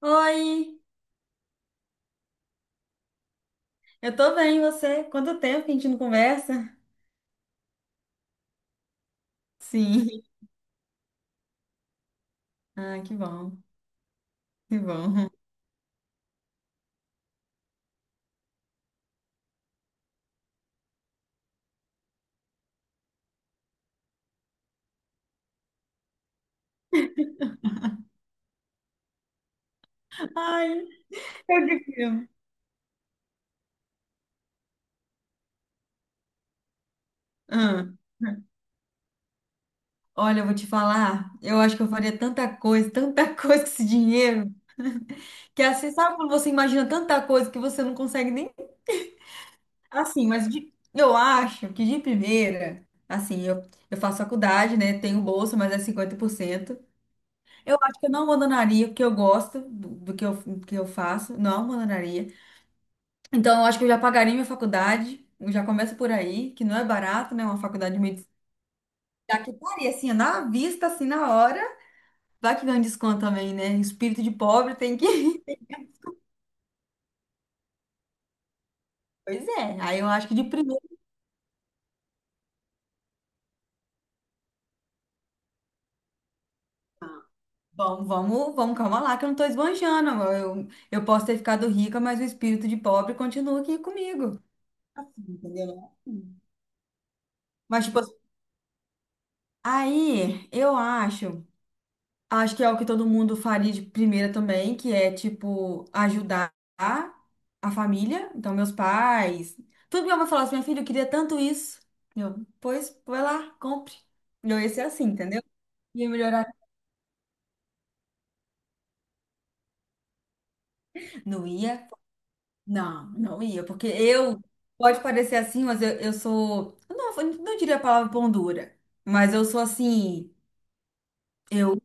Oi, eu tô bem, e você? Quanto tempo que a gente não conversa? Sim. Ah, que bom, que bom. Ai, eu que filme. Ah. Olha, eu vou te falar, eu acho que eu faria tanta coisa, tanta coisa com esse dinheiro, que assim, sabe quando você imagina tanta coisa que você não consegue nem. Assim, mas eu acho que de primeira, assim, eu faço faculdade, né? Tenho bolsa, mas é 50%. Eu acho que eu não abandonaria, o que eu gosto do que do que eu faço, não abandonaria. Então, eu acho que eu já pagaria minha faculdade. Eu já começo por aí, que não é barato, né? Uma faculdade de medicina. Já que estaria assim, na vista, assim, na hora. Vai que ganha um desconto também, né? Espírito de pobre tem que. Pois é. Aí eu acho que de primeiro. Vamos, vamos, vamos, calma lá, que eu não tô esbanjando. Eu posso ter ficado rica, mas o espírito de pobre continua aqui comigo. Assim, entendeu? Não é assim. Mas, tipo, assim, aí eu acho. Acho que é o que todo mundo faria de primeira também, que é, tipo, ajudar a família. Então, meus pais. Tudo minha mãe falou assim, minha filha, eu queria tanto isso. Eu, pois, vai lá, compre. Eu ia ser assim, entendeu? Ia melhorar. Não ia? Não, não ia. Porque eu, pode parecer assim, mas eu sou. Eu não diria a palavra pão dura. Mas eu sou assim. Eu,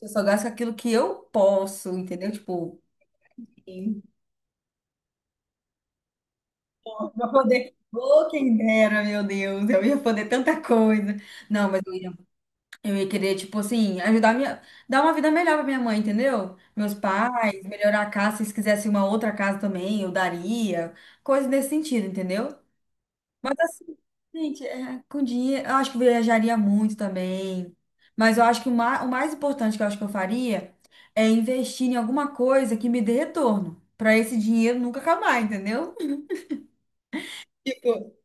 eu só gasto com aquilo que eu posso, entendeu? Tipo. Pra poder. Ô, quem dera, meu Deus, eu ia poder tanta coisa. Não, mas eu ia querer, tipo assim, ajudar minha, dar uma vida melhor pra minha mãe, entendeu? Meus pais, melhorar a casa, se eles quisessem uma outra casa também, eu daria. Coisas nesse sentido, entendeu? Mas assim, gente, é, com dinheiro, eu acho que viajaria muito também. Mas eu acho que o mais importante que eu acho que eu faria é investir em alguma coisa que me dê retorno. Pra esse dinheiro nunca acabar, entendeu?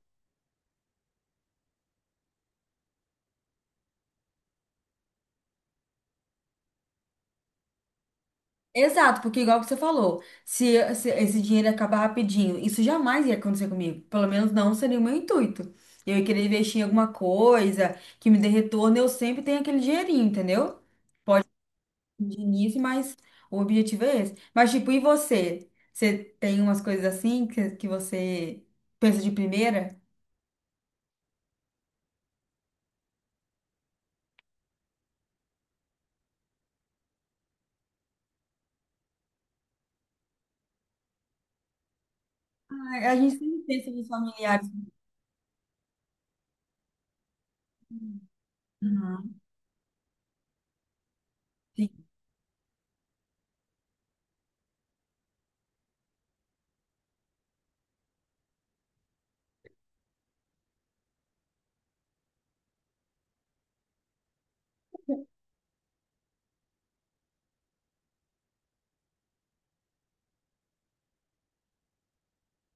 Exato, porque igual que você falou, se esse dinheiro acabar rapidinho, isso jamais ia acontecer comigo. Pelo menos não seria o meu intuito. Eu ia querer investir em alguma coisa que me dê retorno, eu sempre tenho aquele dinheirinho, entendeu? De início, mas o objetivo é esse. Mas, tipo, e você? Você tem umas coisas assim que você pensa de primeira? Ah, a gente sempre pensa nos familiares. Aham, sim.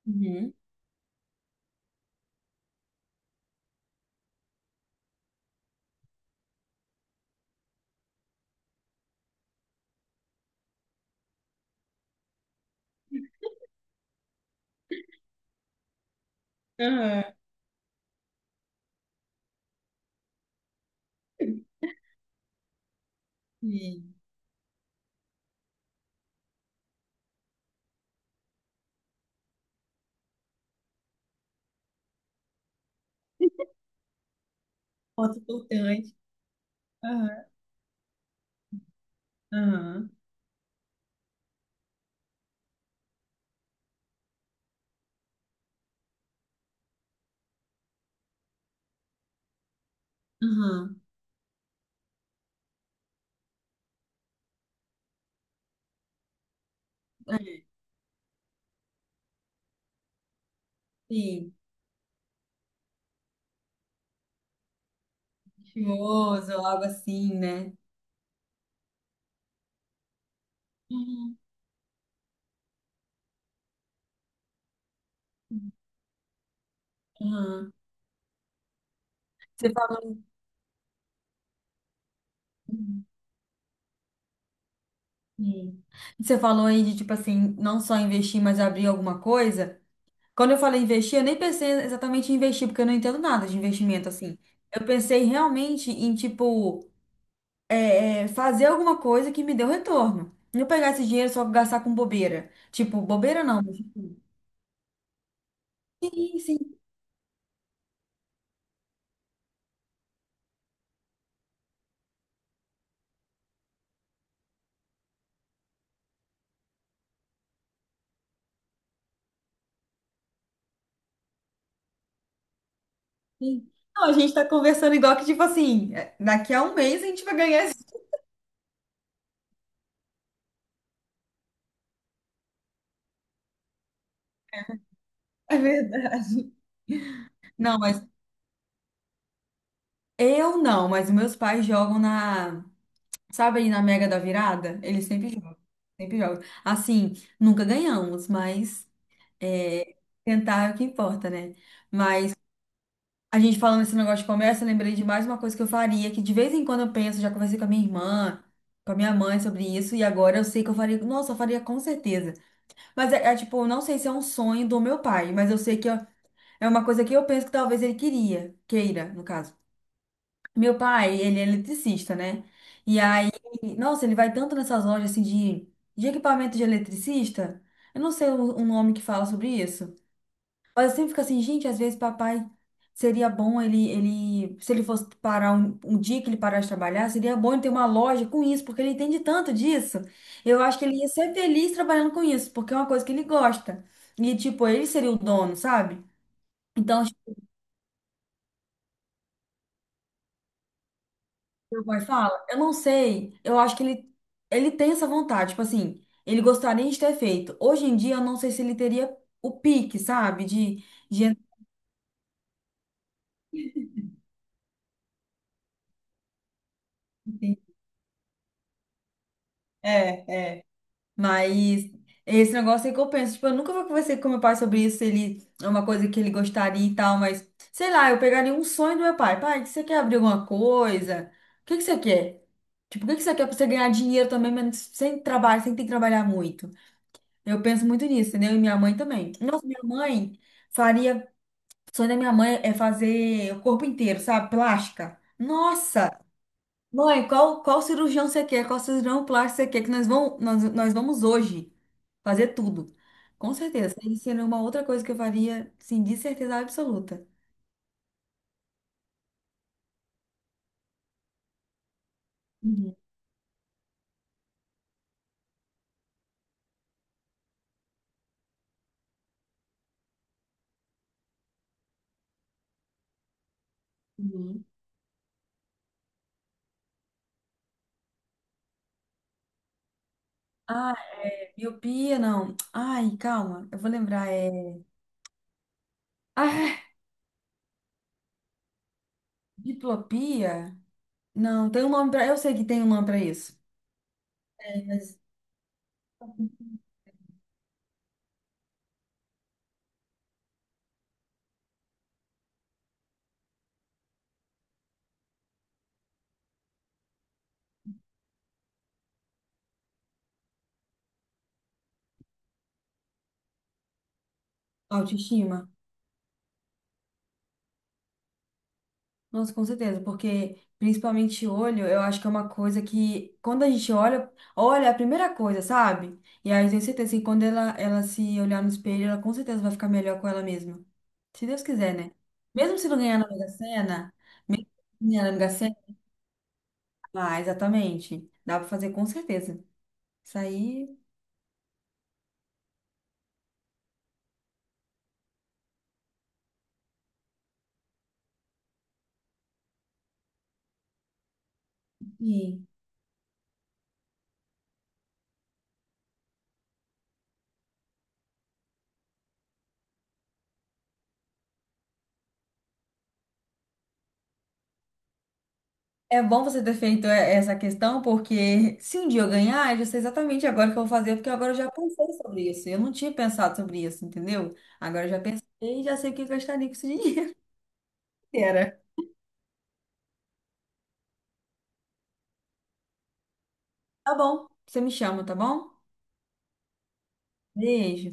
Uhum. Aham, sim. Ponto importante. Aham, aham, aham. Sim, chimoso, algo assim, né? Uhum. Aham. Você fa- Sim. Você falou aí de, tipo assim, não só investir, mas abrir alguma coisa. Quando eu falei investir, eu nem pensei exatamente em investir, porque eu não entendo nada de investimento, assim. Eu pensei realmente em, tipo, fazer alguma coisa que me deu retorno. Não pegar esse dinheiro só pra gastar com bobeira. Tipo, bobeira não. Mas, tipo, Sim, sim, sim. Não, a gente tá conversando igual que, tipo assim, é, daqui a um mês a gente vai ganhar É verdade. Não, mas eu não, mas meus pais jogam na, sabe aí na Mega da Virada? Eles sempre jogam, sempre jogam. Assim, nunca ganhamos, mas é, tentar é o que importa, né? Mas a gente falando desse negócio de comércio, eu lembrei de mais uma coisa que eu faria, que de vez em quando eu penso, já conversei com a minha irmã, com a minha mãe sobre isso, e agora eu sei que eu faria, nossa, eu faria com certeza. Mas é tipo, eu não sei se é um sonho do meu pai, mas eu sei é uma coisa que eu penso que talvez ele queria, queira, no caso. Meu pai, ele é eletricista, né? E aí, nossa, ele vai tanto nessas lojas assim de equipamento de eletricista. Eu não sei o nome que fala sobre isso. Mas eu sempre fico assim, gente, às vezes papai seria bom ele, se ele fosse parar um dia que ele parasse de trabalhar, seria bom ele ter uma loja com isso, porque ele entende tanto disso. Eu acho que ele ia ser feliz trabalhando com isso, porque é uma coisa que ele gosta. E tipo, ele seria o dono, sabe? Então, meu pai fala, eu não sei, eu acho ele tem essa vontade, tipo assim, ele gostaria de ter feito. Hoje em dia, eu não sei se ele teria o pique, sabe? De... É, é. Mas esse negócio aí que eu penso, tipo, eu nunca vou conversar com meu pai sobre isso, se ele é uma coisa que ele gostaria e tal, mas sei lá, eu pegaria um sonho do meu pai. Pai, você quer abrir alguma coisa? O que que você quer? Tipo, o que que você quer pra você ganhar dinheiro também, mas sem trabalho, sem ter que trabalhar muito? Eu penso muito nisso, entendeu? E minha mãe também. Nossa, minha mãe faria. O sonho da minha mãe é fazer o corpo inteiro, sabe? Plástica. Nossa! Mãe, qual cirurgião você quer? Qual cirurgião plástico você quer? Que nós vamos hoje fazer tudo. Com certeza. Isso seria uma outra coisa que eu faria, sim, de certeza absoluta. Uhum. Uhum. Ai, miopia, não. Ai, calma, eu vou lembrar. É. Ah, diplopia? Não, tem um nome pra. Eu sei que tem um nome pra isso. É, mas autoestima. Nossa, com certeza, porque principalmente olho, eu acho que é uma coisa que quando a gente olha, olha é a primeira coisa, sabe? E aí eu tenho certeza que quando ela se olhar no espelho, ela com certeza vai ficar melhor com ela mesma. Se Deus quiser, né? Mesmo se não ganhar na Mega Sena, ganhar na Mega Sena, ah, exatamente. Dá pra fazer com certeza. Isso aí, e é bom você ter feito essa questão, porque se um dia eu ganhar, eu já sei exatamente agora o que eu vou fazer, porque agora eu já pensei sobre isso. Eu não tinha pensado sobre isso, entendeu? Agora eu já pensei e já sei o que eu gastaria com esse dinheiro. Era. Tá bom, você me chama, tá bom? Beijo.